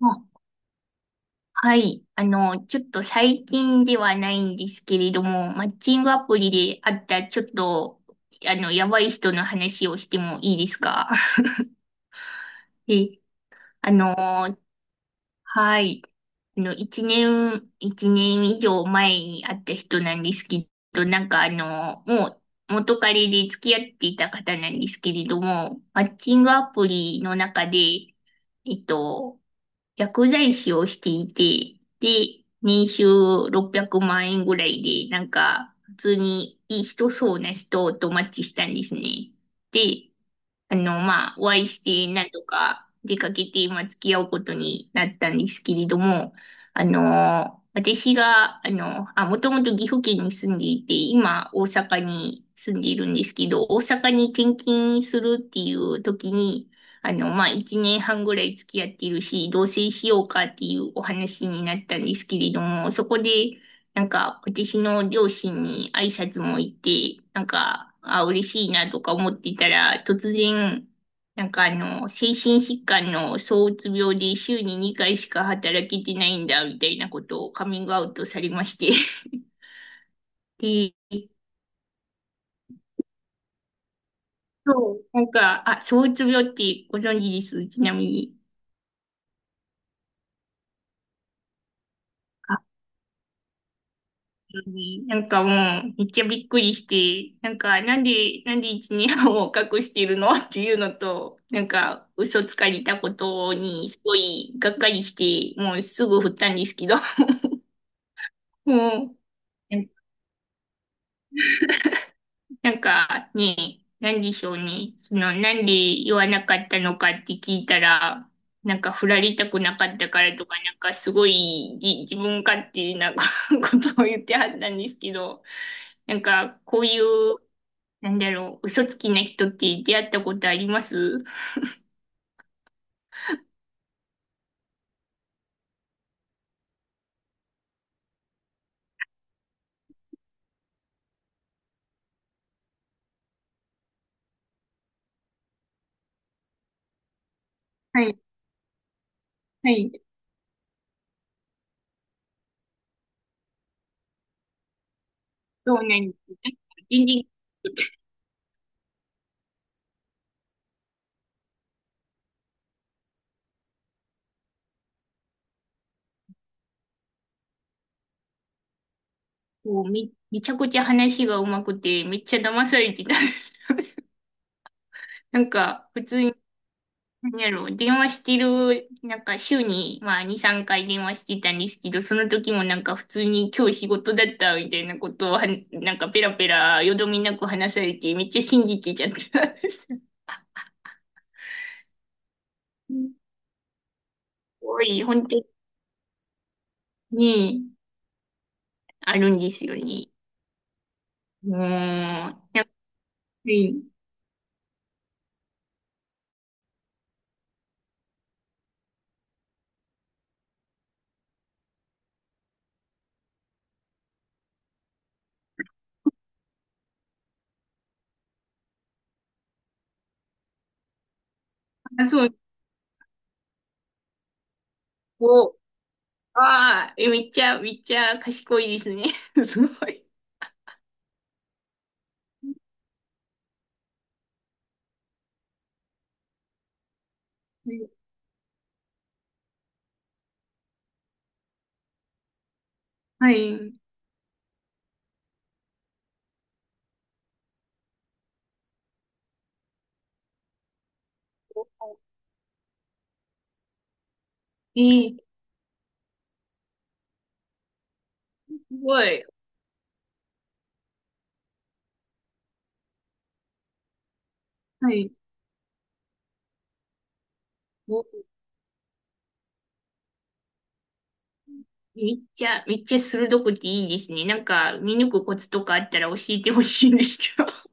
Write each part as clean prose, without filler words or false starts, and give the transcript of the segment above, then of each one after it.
あはい。ちょっと最近ではないんですけれども、マッチングアプリで会ったちょっと、あの、やばい人の話をしてもいいですか？で あの、はい。一年以上前に会った人なんですけど、もう元彼で付き合っていた方なんですけれども、マッチングアプリの中で、えっと、薬剤師をしていて、で、年収600万円ぐらいで、なんか、普通にいい人そうな人とマッチしたんですね。で、お会いして、なんとか出かけて、まあ、付き合うことになったんですけれども、私が、もともと岐阜県に住んでいて、今、大阪に住んでいるんですけど、大阪に転勤するっていう時に、まあ、一年半ぐらい付き合っているし、同棲しようかっていうお話になったんですけれども、そこで、なんか、私の両親に挨拶も行って、嬉しいなとか思ってたら、突然、精神疾患の躁うつ病で週に2回しか働けてないんだ、みたいなことをカミングアウトされまして。で、そう、躁うつ病ってご存知です、ちなみに？あなんかもう、めっちゃびっくりして、なんか、なんで一年半を隠してるのっていうのと、なんか、嘘つかれたことに、すごい、がっかりして、もうすぐ振ったんですけど、もう、なんかね、なんでしょうね、その、なんで言わなかったのかって聞いたら、なんか、振られたくなかったからとか、なんか、すごい、自分勝手な ことを言ってはったんですけど、なんか、こういう、なんだろう、嘘つきな人って出会ったことありますはい、はい。そうなんです。なんか全然、こう、めちゃくちゃ話が上手くて、めっちゃ騙されてたんです。なんか、普通に、なんやろう、電話してる、なんか週に、まあ、2、3回電話してたんですけど、その時もなんか普通に今日仕事だったみたいなことをは、なんかペラペラ、よどみなく話されて、めっちゃ信じてちゃったんです。すごい、本当に、あるんですよね。もう、やっぱり、あ、そう、こう、ああ、えめっちゃ賢いですね。すごい。はい。ええすごい。はい。お、めっちゃ鋭くていいですね。なんか、見抜くコツとかあったら教えてほしいんですけど。は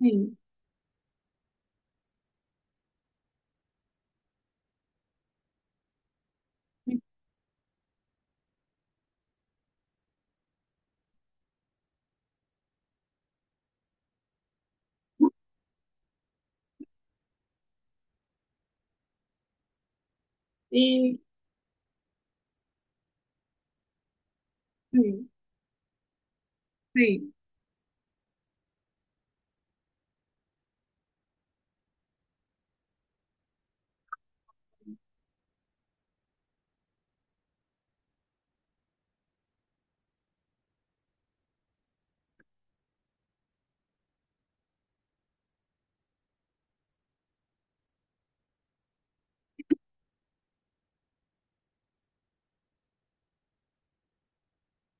い。ええはい。はい。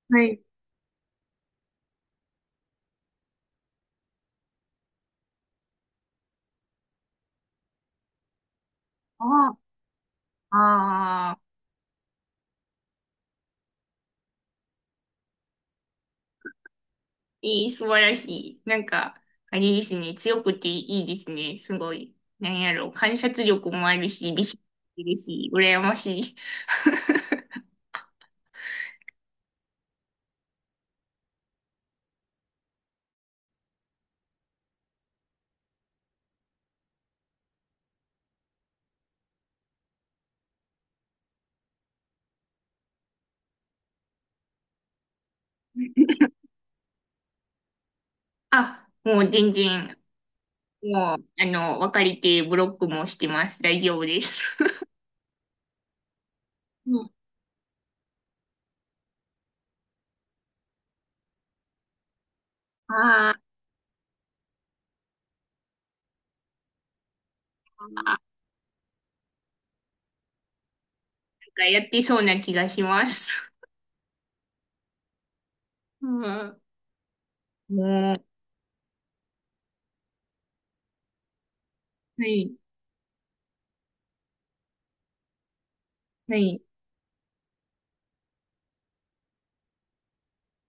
はい。ああ、ああ。いい、素晴らしい。なんか、あれですね。強くていいですね。すごい。なんやろ。観察力もあるし、美識もですし、羨ましい。あ、もう全然、もう、あの、別れてブロックもしてます。大丈夫です。うん、ああー、なんかやってそうな気がします。うん。もう、はい、はい、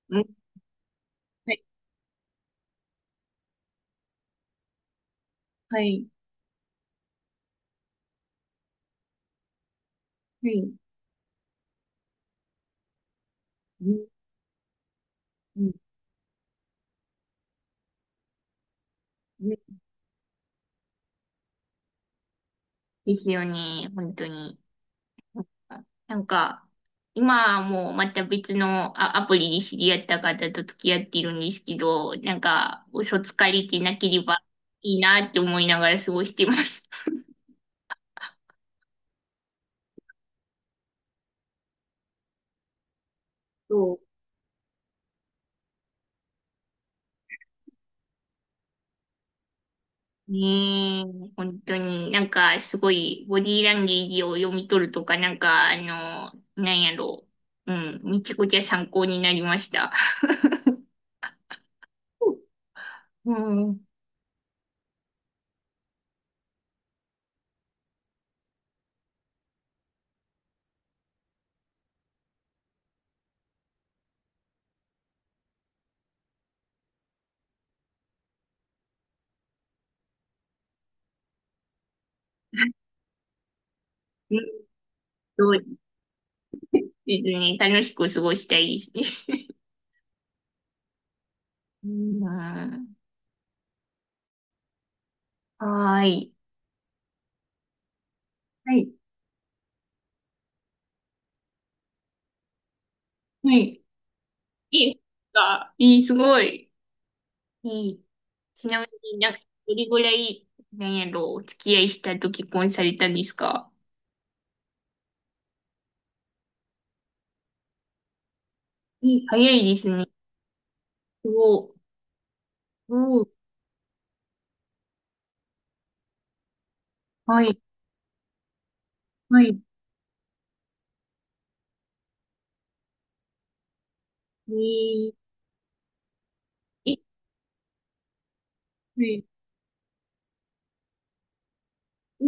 うん、はい、はい、はい。うん、うん、うんですよね、本当に。なんか、今はもうまた別のあアプリに知り合った方と付き合っているんですけど、なんか、嘘つかれてなければいいなって思いながら過ごしてます。そう、ねえ、本当になんかすごいボディーランゲージを読み取るとか、なんかあの、なんやろう。うん、めちゃくちゃ参考になりました。うん、うん、そうですね。楽しく過ごしたいですね。いいなあ はーい。はい。はい。いいか。いい、すごい。いい。ちなみになんか、どれぐらい、なんやろ、お付き合いしたと結婚されたんですか？いい、早いですね。すごい。おーはい。はい。えー、え、はい、え、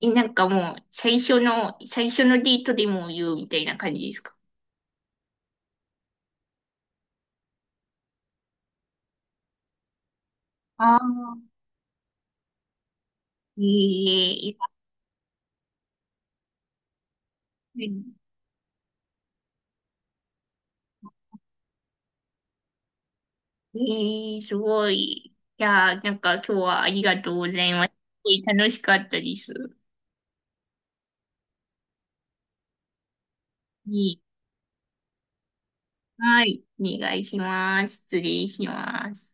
えなんかもう、最初のデートでも言うみたいな感じですか？ああー、えーいや、えーすごい。いやー、なんか今日はありがとうございます。すごい楽しかったです。いいはい。お願いします。失礼します。